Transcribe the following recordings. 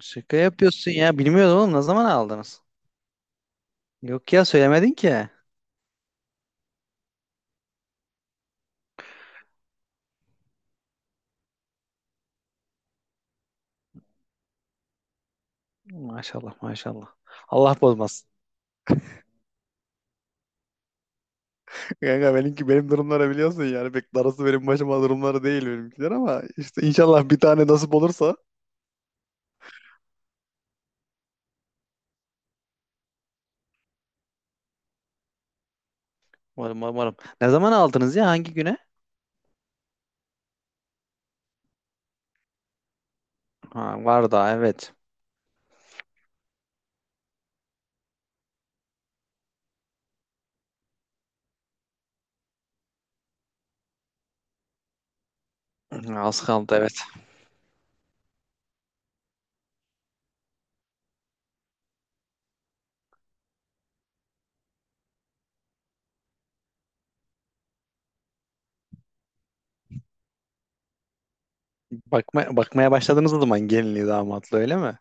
Şaka yapıyorsun ya. Bilmiyordum oğlum. Ne zaman aldınız? Yok ya, söylemedin ki. Maşallah, maşallah. Allah bozmasın. Kanka, benimki benim durumları biliyorsun, yani pek darısı benim başıma durumları değil benimkiler, ama işte inşallah bir tane nasip olursa. Umarım, umarım. Ne zaman aldınız ya? Hangi güne? Ha, var daha, evet. Az kaldı, evet. Bakmaya başladığınız zaman gelinliği damatlı öyle mi?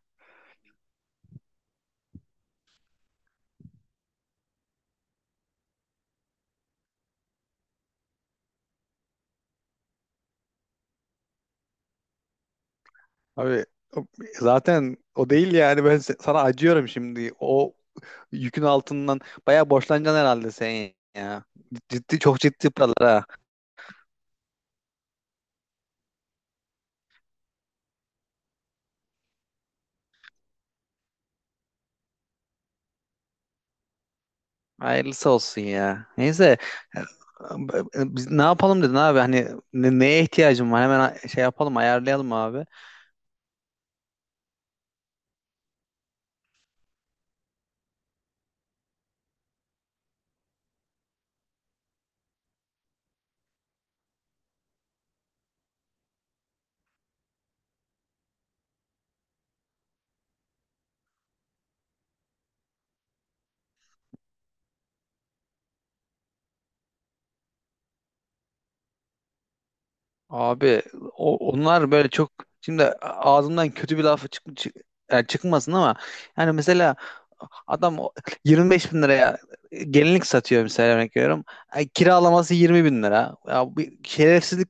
Abi, o- zaten o değil yani, ben sana acıyorum şimdi. O yükün altından bayağı borçlanacaksın herhalde sen ya. Ciddi, çok ciddi paralar ha. Hayırlısı olsun ya. Neyse, biz ne yapalım dedin abi, hani neye ihtiyacın var hemen, şey yapalım, ayarlayalım abi. Abi, onlar böyle çok, şimdi ağzımdan kötü bir laf yani çıkmasın ama, yani mesela adam o 25 bin liraya gelinlik satıyor, mesela örnek veriyorum. Ay, kiralaması 20 bin lira. Ya, bir şerefsizlik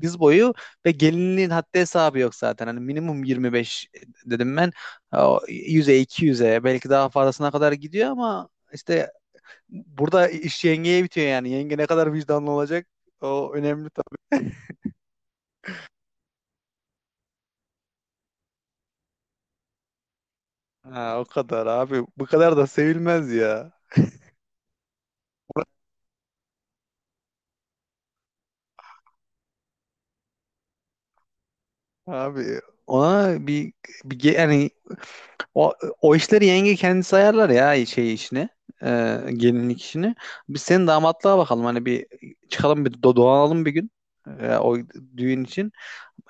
diz boyu, ve gelinliğin haddi hesabı yok zaten. Hani minimum 25 dedim ben. Ya, o 100'e 200'e belki daha fazlasına kadar gidiyor, ama işte burada iş yengeye bitiyor yani. Yenge ne kadar vicdanlı olacak, o önemli. Ha, o kadar abi. Bu kadar da sevilmez ya. Abi, ona bir yani, o, o işleri yenge kendisi ayarlar ya, şey işini, e, gelinlik işini. Biz senin damatlığa bakalım. Hani bir çıkalım, bir dolanalım bir gün, o düğün için.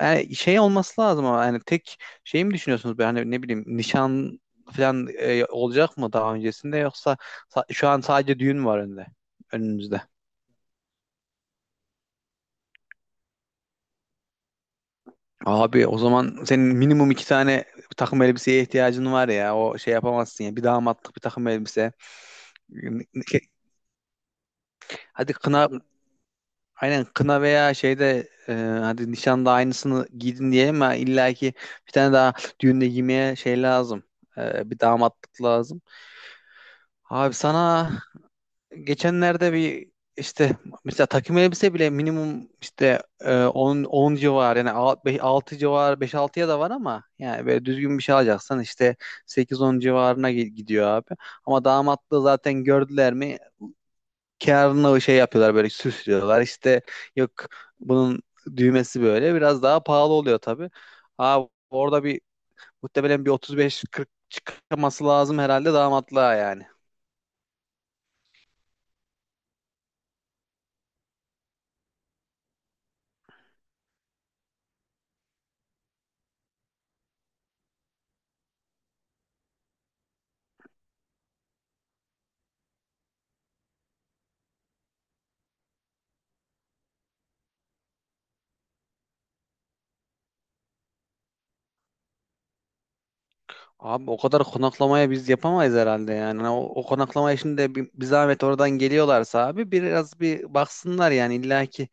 Yani şey olması lazım, ama hani tek şey mi düşünüyorsunuz? Böyle, hani ne bileyim, nişan falan olacak mı daha öncesinde, yoksa şu an sadece düğün mü var önünde? Önünüzde. Abi, o zaman senin minimum iki tane takım elbiseye ihtiyacın var ya. O şey yapamazsın ya. Bir damatlık, bir takım elbise. Hadi kına, aynen, kına veya şeyde, hadi nişanda aynısını giydin diyelim, ama illaki bir tane daha düğünde giymeye şey lazım. Bir damatlık lazım. Abi, sana geçenlerde bir işte, mesela takım elbise bile minimum işte, 10 10 civar yani, 6 civar, beş altıya da var, ama yani böyle düzgün bir şey alacaksan işte sekiz on civarına gidiyor abi. Ama damatlığı zaten gördüler mi, kârını şey yapıyorlar, böyle süslüyorlar işte, yok bunun düğmesi böyle biraz daha pahalı oluyor tabii. Abi, orada bir muhtemelen bir 35-40 çıkması lazım herhalde damatlığa yani. Abi, o kadar konaklamaya biz yapamayız herhalde yani. Hani o konaklama işinde, bir zahmet oradan geliyorlarsa abi biraz bir baksınlar, yani illa ki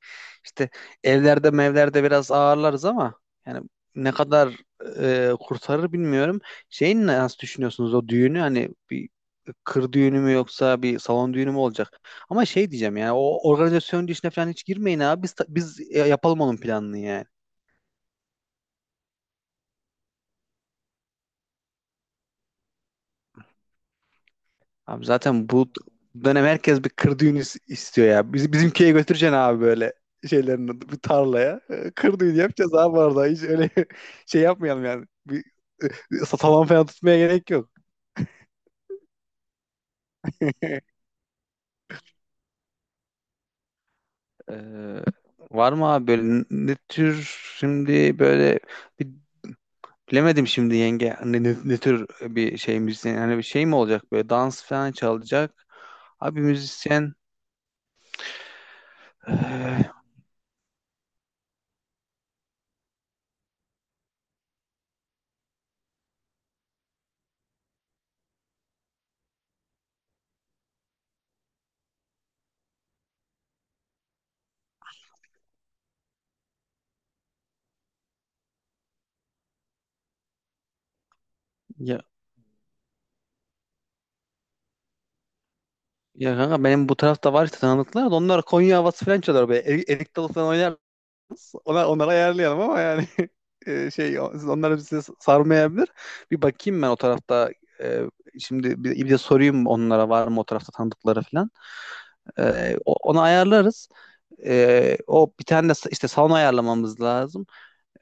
işte evlerde mevlerde biraz ağırlarız ama, yani ne kadar kurtarır bilmiyorum. Şeyin nasıl düşünüyorsunuz o düğünü, hani bir kır düğünü mü yoksa bir salon düğünü mü olacak? Ama şey diyeceğim, yani o organizasyon işine falan hiç girmeyin abi, biz yapalım onun planını yani. Abi, zaten bu dönem herkes bir kır düğünü istiyor ya. Bizim köye götüreceksin abi, böyle şeylerin adı, bir tarlaya. Kır düğünü yapacağız abi orada. Hiç öyle şey yapmayalım yani. Salon falan tutmaya gerek yok. Ee, Var mı abi böyle, ne tür, şimdi böyle bir- bilemedim şimdi, yenge ne tür bir şey müzisyen, yani bir şey mi olacak böyle dans falan çalacak abi müzisyen. Ee, ya, Ya kanka, benim bu tarafta var işte tanıdıklar, da onlar Konya havası falan çalıyor böyle. Erik, erik dalı falan oynarız. Onları ayarlayalım ama, yani onlar bizi sarmayabilir. Bir bakayım ben o tarafta, e, şimdi, bir de sorayım onlara, var mı o tarafta tanıdıkları falan. Onu ayarlarız. O, bir tane de işte salon ayarlamamız lazım,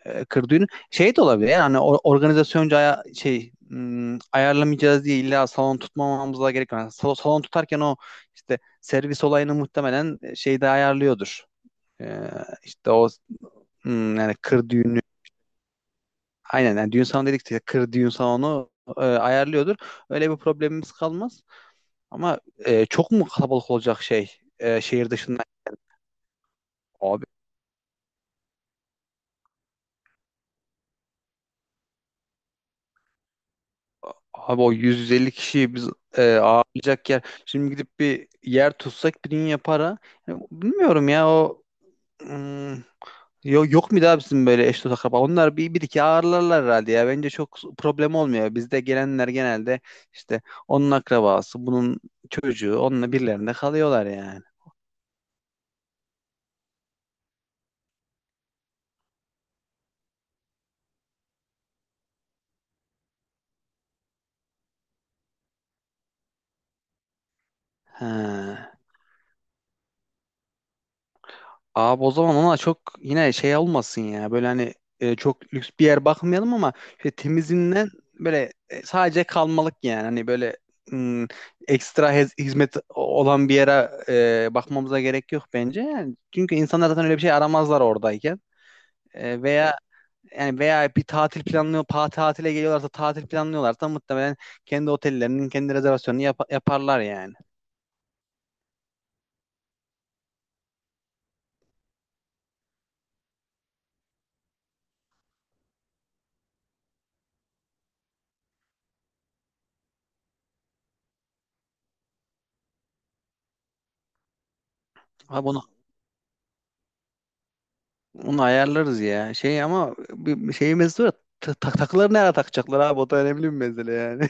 kırdığını şey de olabilir yani, hani organizasyonca ayarlamayacağız diye illa salon tutmamamıza gerek yok. Yani salon tutarken, o işte servis olayını muhtemelen şeyde ayarlıyordur. Ee, işte o, yani kır düğünü, aynen, yani düğün salonu dedik işte, kır düğün salonu ayarlıyordur. Öyle bir problemimiz kalmaz. Ama çok mu kalabalık olacak, şey, şehir dışından? Abi, o 150 kişiyi biz ağırlayacak yer. Şimdi gidip bir yer tutsak bir dünya para. Yani bilmiyorum ya o, hmm, yok, yok mu daha bizim böyle eş dost akraba? Onlar bir iki ağırlarlar herhalde ya. Bence çok problem olmuyor. Bizde gelenler genelde işte onun akrabası, bunun çocuğu, onunla birilerinde kalıyorlar yani. He. Abi, o zaman ona çok yine şey olmasın ya. Böyle hani, çok lüks bir yer bakmayalım, ama işte temizinden böyle, sadece kalmalık yani. Hani böyle, hmm, ekstra hizmet olan bir yere bakmamıza gerek yok bence. Yani çünkü insanlar zaten öyle bir şey aramazlar oradayken. Veya, yani veya bir tatil planlıyor, tatile geliyorlarsa, tatil planlıyorlarsa muhtemelen kendi otellerinin kendi rezervasyonunu yaparlar yani. Abi, onu ayarlarız ya. Şey, ama bir şey mesele var. Takıları nereye takacaklar abi? O da önemli bir mesele yani.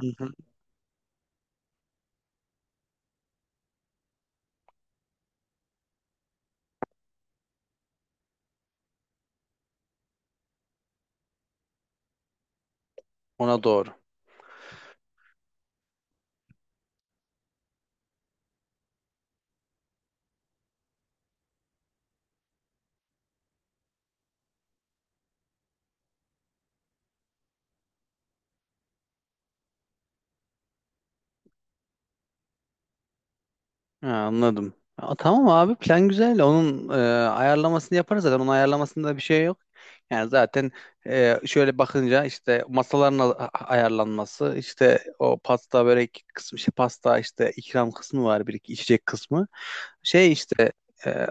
Hı hı. Ona doğru. Ha, anladım. Aa, tamam abi, plan güzel. Onun ayarlamasını yaparız zaten. Onun ayarlamasında bir şey yok. Yani zaten şöyle bakınca, işte masaların ayarlanması, işte o pasta börek kısmı, şey, pasta işte ikram kısmı var, bir iki içecek kısmı. Şey işte, e,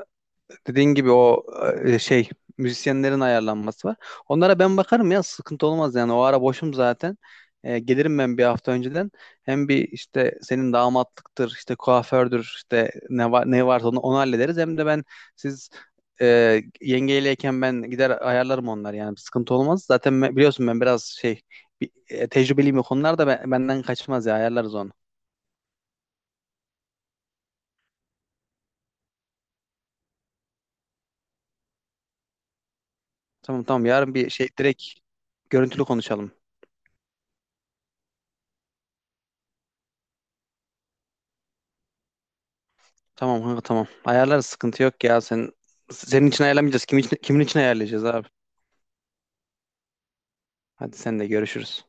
Dediğin gibi o, e, şey müzisyenlerin ayarlanması var. Onlara ben bakarım ya, sıkıntı olmaz yani, o ara boşum zaten. Gelirim ben bir hafta önceden. Hem bir işte senin damatlıktır, işte kuafördür, işte ne var ne varsa onu, hallederiz. Hem de ben, siz e, yengeyleyken ben gider ayarlarım onlar yani, bir sıkıntı olmaz. Zaten biliyorsun, ben biraz şey, tecrübeliyim o konularda, benden kaçmaz ya, ayarlarız onu. Tamam, tamam, yarın bir şey direkt görüntülü konuşalım. Tamam kanka, tamam. Ayarlarız, sıkıntı yok ya. Senin için ayarlamayacağız. Kimin için ayarlayacağız abi? Hadi, sen de görüşürüz.